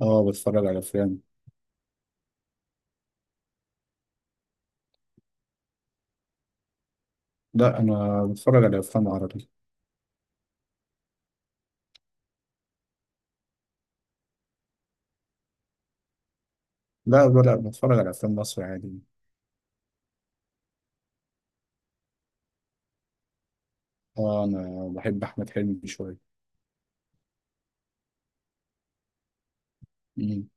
اه، بتفرج على افلام. لا، انا بتفرج على افلام عربي. لا، لا، لا، بتفرج على افلام مصري عادي. اه، انا بحب احمد حلمي شويه. مم.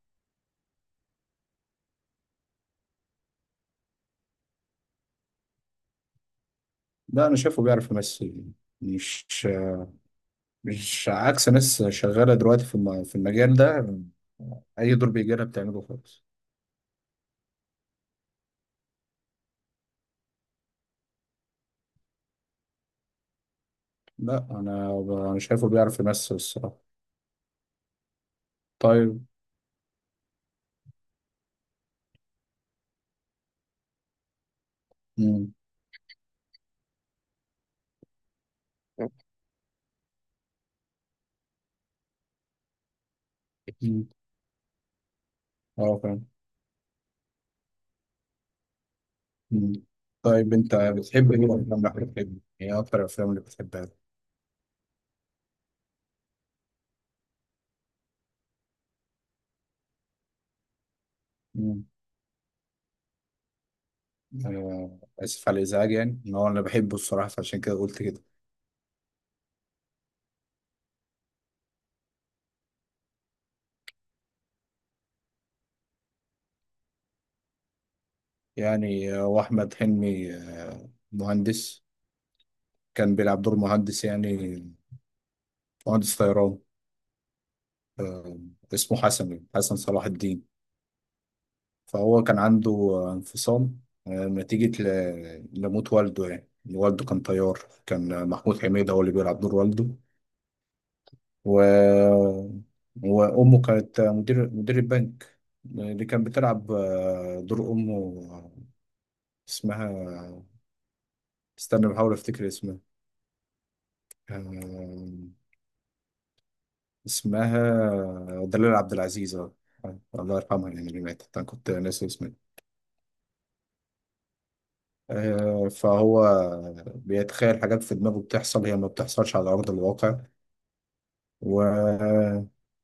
لا، انا شايفه بيعرف يمثل. مش مش عكس ناس شغاله دلوقتي في المجال ده، اي دور بيجي لها بتعمله خالص. لا، أنا شايفه بيعرف يمثل الصراحه. طيب. مم. مم. اه، فاهم. مم. طيب انت بتحب ايه من افلام احمد حلمي؟ يعني ايه اكتر الافلام اللي بتحبها؟ آسف على الإزعاج، يعني إن هو أنا بحبه الصراحة، فعشان كده قلت كده. يعني وأحمد حلمي مهندس، كان بيلعب دور مهندس، يعني مهندس طيران. آه، اسمه حسن، يعني حسن صلاح الدين. فهو كان عنده انفصام نتيجة لموت والده يعني. والده كان طيار، كان محمود حميدة هو اللي بيلعب دور والده. و... وأمه كانت مدير البنك. اللي كان بتلعب دور أمه اسمها استنى بحاول افتكر اسمها. آم، اسمها دلال عبد العزيز، اه، الله يرحمها يعني، اللي ماتت انا كنت ناسي اسمها. فهو بيتخيل حاجات في دماغه بتحصل، هي ما بتحصلش على ارض الواقع. و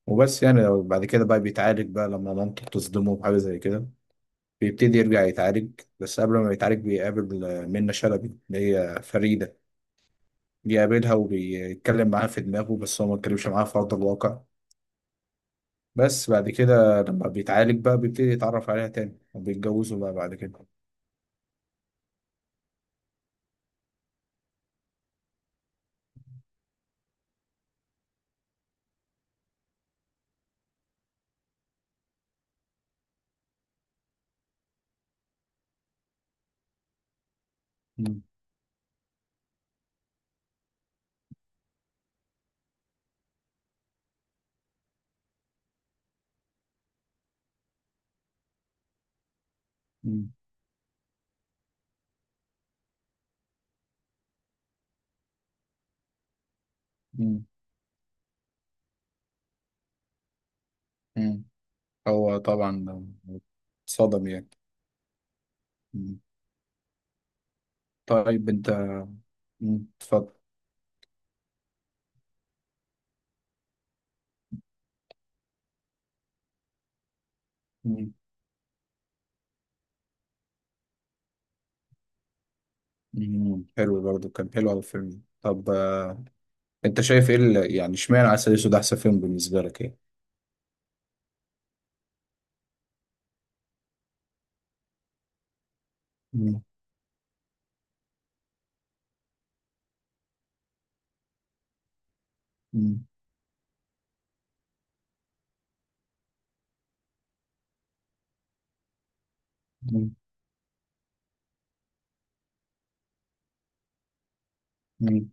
وبس يعني بعد كده بقى بيتعالج، بقى لما مامته بتصدمه بحاجه زي كده بيبتدي يرجع يتعالج. بس قبل ما يتعالج بيقابل منة شلبي اللي هي فريدة، بيقابلها وبيتكلم معاها في دماغه، بس هو ما اتكلمش معاها في أرض الواقع. بس بعد كده لما بيتعالج بقى بيبتدي يتعرف عليها تاني، وبيتجوزوا بقى بعد كده. مم. مم. مم. مم. هو طبعا صدم يعني. مم. طيب انت. مم. اتفضل. مم. مم. حلو برضه، كان حلو أوي الفيلم ده. طب انت شايف ايه يعني اشمعنى عسل اسود احسن فيلم بالنسبة لك يعني؟ مم. مم. مم. مم.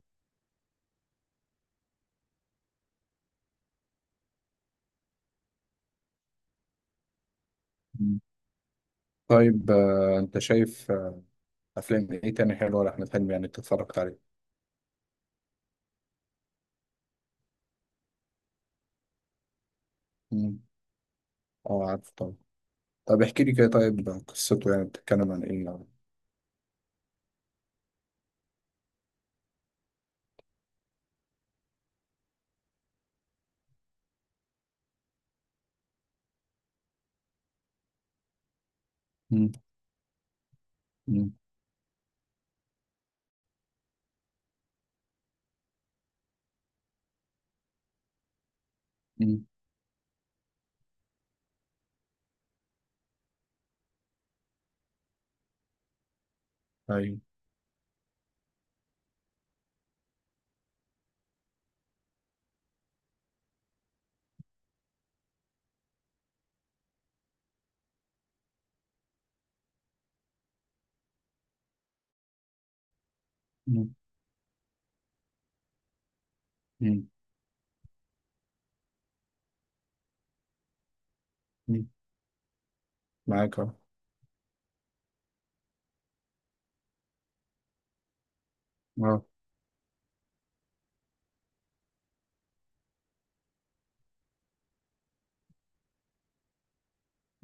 مم. طيب انت شايف افلام ايه تاني حلوة لأحمد حلمي، يعني انت اتفرجت عليه؟ مم. اه، عارف طبعا. طب احكي لي كده، طيب قصته يعني بتتكلم عن ايه يعني؟ مم. مم. مم. ايوه. مم. مم. مم. معاك اهو. آه.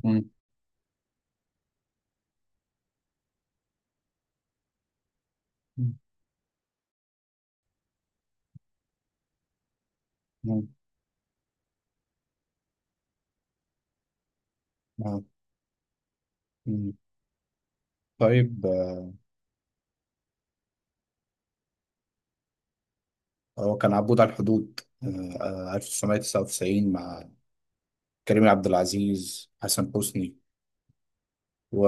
مم. مم. آه. مم. طيب هو كان عبود على الحدود 1999 مع كريم عبد العزيز، حسن حسني، و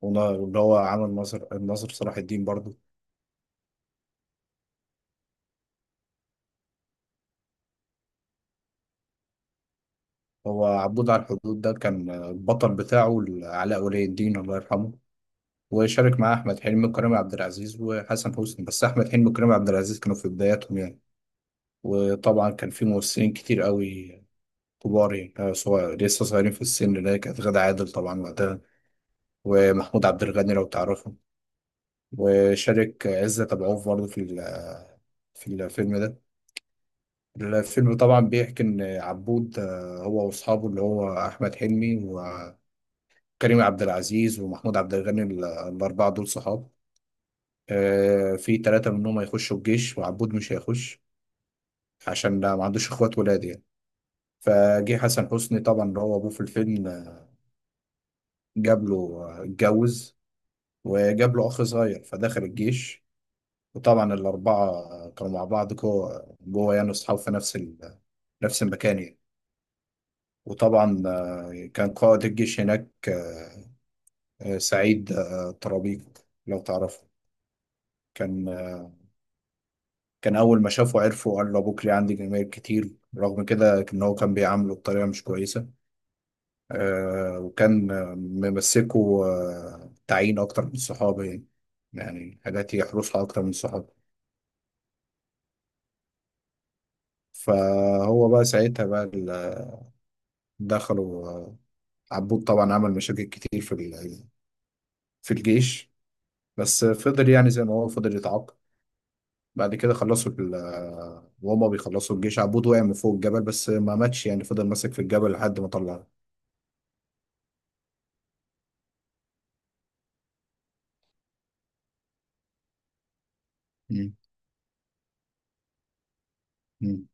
واللي هو عمل ناصر، الناصر صلاح الدين برضه. هو عبود على الحدود ده كان البطل بتاعه علاء ولي الدين الله يرحمه، وشارك مع احمد حلمي وكريم عبد العزيز وحسن حسني، بس احمد حلمي وكريم عبد العزيز كانوا في بداياتهم يعني. وطبعا كان في ممثلين كتير قوي كبار، يعني لسه صغيرين في السن، اللي هي كانت غادة عادل طبعا وقتها، ومحمود عبد الغني لو تعرفه، وشارك عزت أبو عوف برضه في الفيلم ده. الفيلم طبعا بيحكي ان عبود هو واصحابه اللي هو احمد حلمي وكريم عبد العزيز ومحمود عبد الغني، الاربعه دول صحاب. في ثلاثة منهم هيخشوا الجيش وعبود مش هيخش، عشان ده ما عندوش اخوات ولاد يعني. فجه حسن حسني طبعا اللي هو ابوه في الفيلم، آه، جاب له آه، اتجوز وجاب له اخ صغير فدخل الجيش. وطبعا الاربعة كانوا مع بعض جوه جوه يعني، اصحاب في نفس المكان يعني. وطبعا كان قائد الجيش هناك سعيد طرابيق، لو تعرفه. كان كان أول ما شافه عرفه وقال له أبوك ليه عندي جماهير كتير، رغم كده كان هو كان بيعامله بطريقة مش كويسة. وكان ممسكه تعيين أكتر من الصحابة يعني، يعني حاجات يحرسها أكتر من الصحابة. فهو بقى ساعتها بقى دخلوا، عبود طبعا عمل مشاكل كتير في الجيش، بس فضل يعني زي ما هو فضل يتعاقب. بعد كده خلصوا وهما بيخلصوا الجيش عبود وقع من فوق الجبل بس ما ماتش يعني، فضل ماسك في الجبل لحد ما طلعه. مم. مم.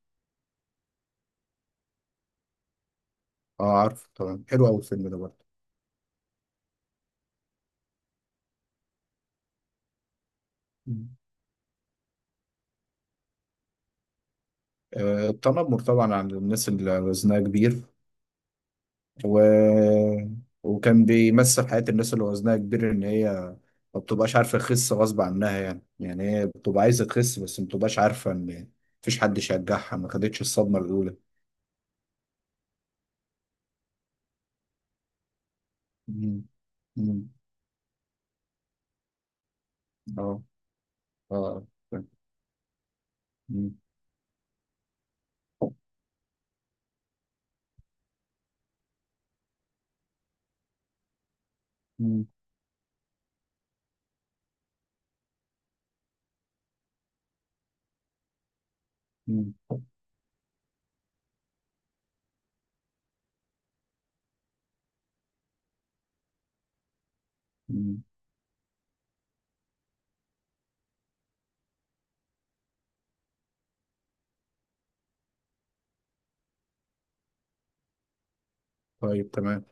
اه، عارف طبعا، حلو قوي الفيلم ده برضه. مم. التنمر طبعا على الناس اللي وزنها كبير. و... وكان بيمثل حياة الناس اللي وزنها كبير، ان هي ما بتبقاش عارفة تخس غصب عنها، يعني هي بتبقى عايزة تخس بس ما بتبقاش عارفة ان مفيش حد يشجعها، ما خدتش الصدمة الأولى. مم. مم. اه. اه. مم. مم. مم. مم. طيب تمام.